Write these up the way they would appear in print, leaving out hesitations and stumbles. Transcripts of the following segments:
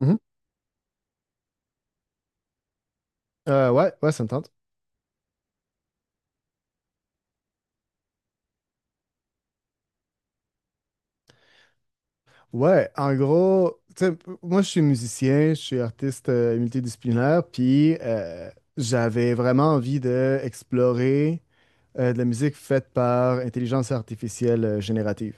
Mhm. Ouais, ouais, ça me tente. Ouais, en gros, tu sais, moi je suis musicien, je suis artiste multidisciplinaire, puis j'avais vraiment envie d'explorer de la musique faite par intelligence artificielle générative.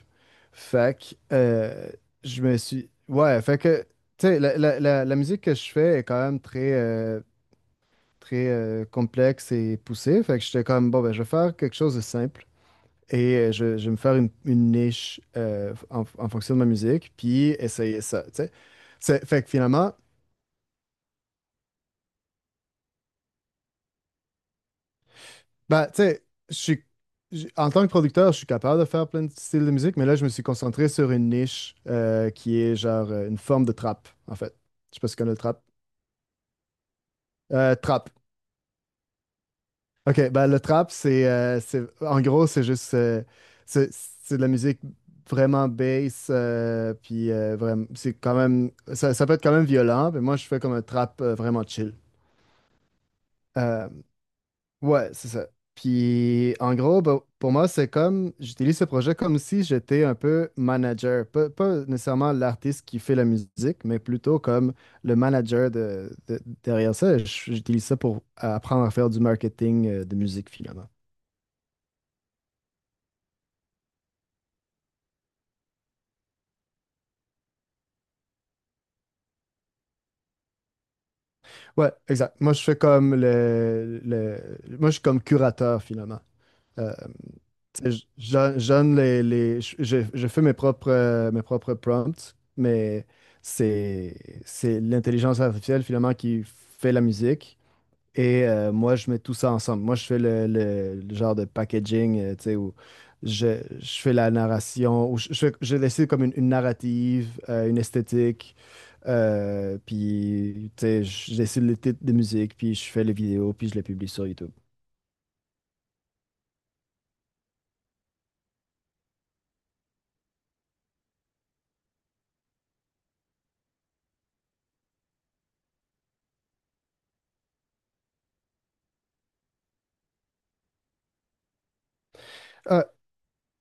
Fait que je me suis. Ouais, fait que, tu sais, la musique que je fais est quand même très, complexe et poussée. Fait que j'étais comme, bon, ben, je vais faire quelque chose de simple. Et je vais me faire une niche en, en fonction de ma musique, puis essayer ça, tu sais. Fait que finalement, bah, tu sais, en tant que producteur, je suis capable de faire plein de styles de musique, mais là, je me suis concentré sur une niche qui est genre une forme de trap, en fait. Je sais pas si tu connais le trap. Trap. OK, ben le trap, en gros, c'est de la musique vraiment bass, puis vraiment, c'est quand même ça, ça peut être quand même violent, mais moi je fais comme un trap vraiment chill. Euh, ouais, c'est ça. Puis en gros, ben, pour moi, c'est comme j'utilise ce projet comme si j'étais un peu manager, pas nécessairement l'artiste qui fait la musique, mais plutôt comme le manager derrière ça. J'utilise ça pour apprendre à faire du marketing de musique finalement. Ouais, exact. Moi, je suis comme curateur, finalement. Euh, tu sais, je donne les- je fais mes propres prompts, mais c'est, c'est l'intelligence artificielle, finalement, qui fait la musique. Et moi, je mets tout ça ensemble. Moi, je fais le genre de packaging, tu sais, où je fais la narration, où je décide comme une narrative, une esthétique, puis, tu sais, je décide les titres de musique, puis je fais les vidéos, puis je les publie sur YouTube. Euh,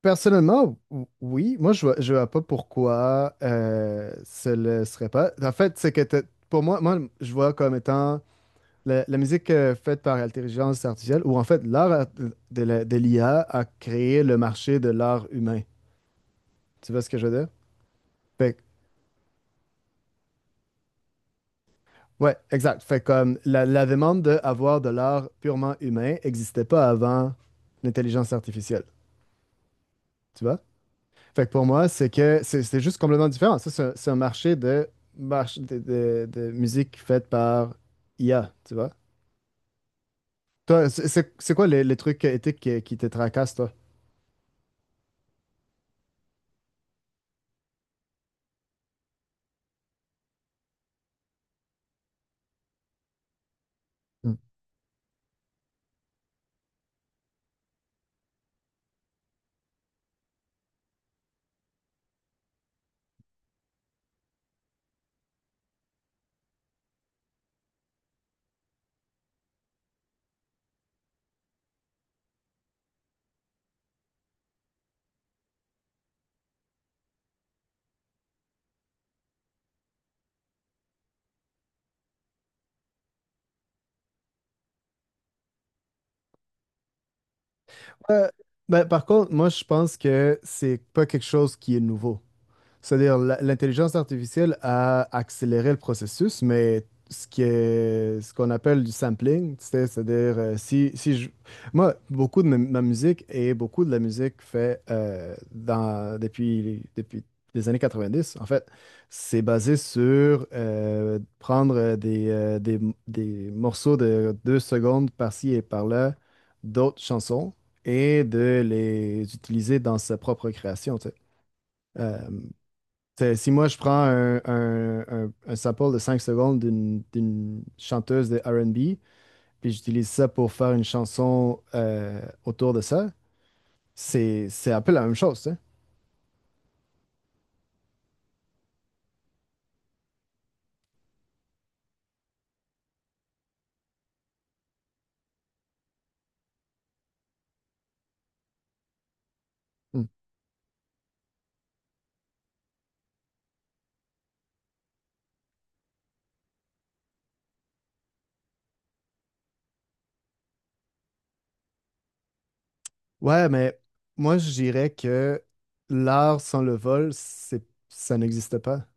personnellement, oui, moi, je vois pas pourquoi ce le serait pas. En fait, pour moi, moi, je vois comme étant la, la musique faite par l'intelligence artificielle, ou en fait de l'IA a créé le marché de l'art humain. Tu vois ce que je veux dire? Fait que- ouais, exact. Fait comme la demande d'avoir de l'art purement humain n'existait pas avant l'intelligence artificielle. Tu vois? Fait que pour moi, c'est que c'est juste complètement différent. Ça, c'est un marché de, marche- de musique faite par IA, tu vois? Toi, c'est quoi les trucs éthiques qui te tracassent, toi? Ouais. Ben, par contre, moi, je pense que c'est pas quelque chose qui est nouveau. L'intelligence artificielle a accéléré le processus, mais ce qu'on appelle du sampling, tu sais, c'est-à-dire, si je, moi, beaucoup de ma musique et beaucoup de la musique fait depuis les années 90, en fait, c'est basé sur prendre des morceaux de deux secondes par-ci et par-là d'autres chansons et de les utiliser dans sa propre création, tu sais. Euh, T'sais, si moi je prends un sample de 5 secondes d'une chanteuse de R&B, puis j'utilise ça pour faire une chanson autour de ça, c'est un peu la même chose, tu sais. Mm. Ouais, mais moi je dirais que l'art sans le vol, c'est ça n'existe pas.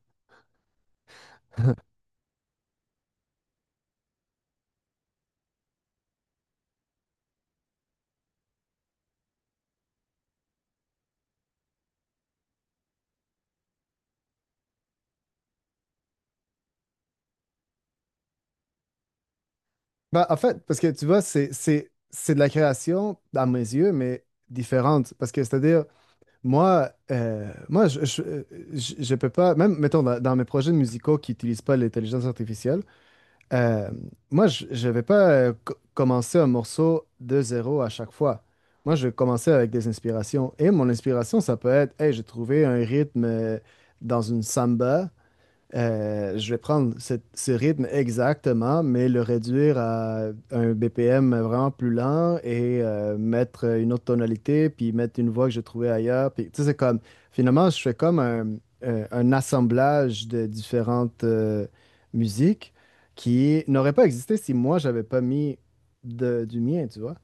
Bah, en fait, parce que tu vois, c'est de la création, à mes yeux, mais différente. Parce que c'est-à-dire, Moi, moi je peux pas, même mettons dans mes projets musicaux qui n'utilisent pas l'intelligence artificielle, euh, je vais pas commencer un morceau de zéro à chaque fois. Moi je vais commencer avec des inspirations. Et mon inspiration, ça peut être, hey, j'ai trouvé un rythme dans une samba. Je vais prendre ce rythme exactement, mais le réduire à un BPM vraiment plus lent et mettre une autre tonalité, puis mettre une voix que j'ai trouvée ailleurs. Puis, tu sais, c'est comme, finalement, je fais comme un assemblage de différentes musiques qui n'aurait pas existé si moi, j'avais pas mis du mien, tu vois.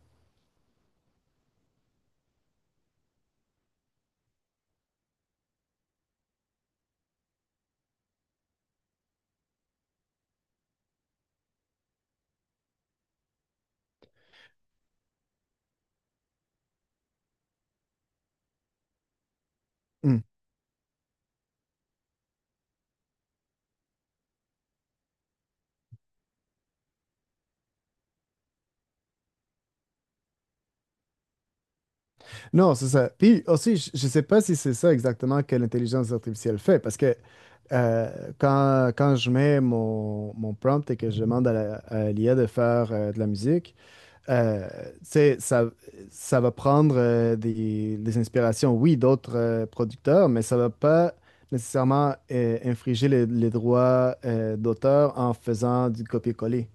Non, c'est ça. Puis aussi, je ne sais pas si c'est ça exactement que l'intelligence artificielle fait, parce que euh, quand je mets mon prompt et que je demande à à l'IA de faire de la musique, euh, tu sais, ça va prendre des inspirations, oui, d'autres producteurs, mais ça va pas nécessairement infriger les droits d'auteur en faisant du copier-coller.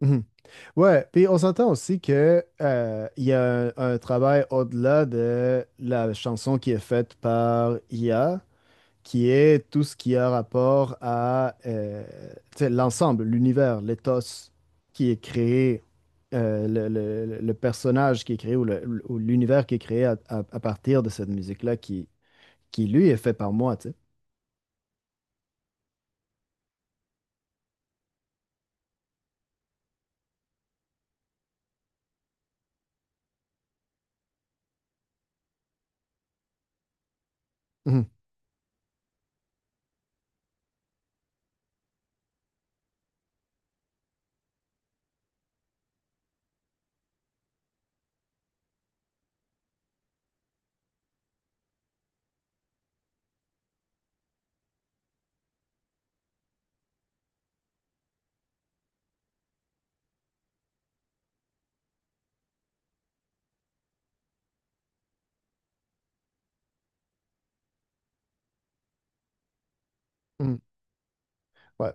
Mhm. Ouais, puis on s'entend aussi que il y a un travail au-delà de la chanson qui est faite par IA, qui est tout ce qui a rapport à tu sais, l'ensemble, l'univers, l'éthos qui est créé, le personnage qui est créé ou ou l'univers qui est créé à partir de cette musique-là qui lui est fait par moi, tu sais. Mhm. Mhm. Ouais.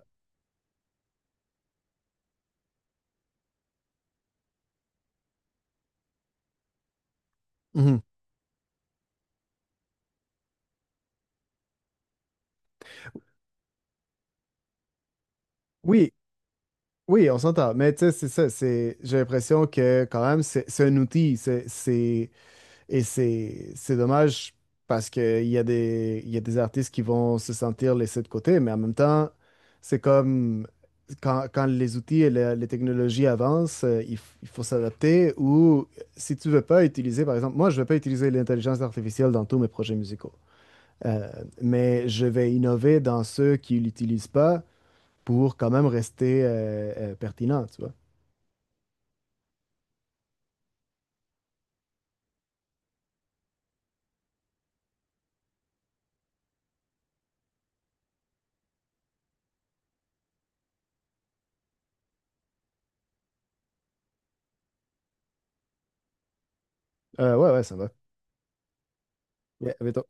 Mhm. Oui, oui, on s'entend. Mais tu sais, c'est ça. J'ai l'impression que quand même, c'est un outil. Et c'est c'est dommage parce qu'il y a des artistes qui vont se sentir laissés de côté. Mais en même temps, c'est comme quand les outils et les technologies avancent, il faut s'adapter. Ou si tu veux pas utiliser, par exemple, moi, je ne vais pas utiliser l'intelligence artificielle dans tous mes projets musicaux. Euh, mais je vais innover dans ceux qui ne l'utilisent pas pour quand même rester pertinent, tu vois. Ouais, ouais, ça va. Ouais, mais toi-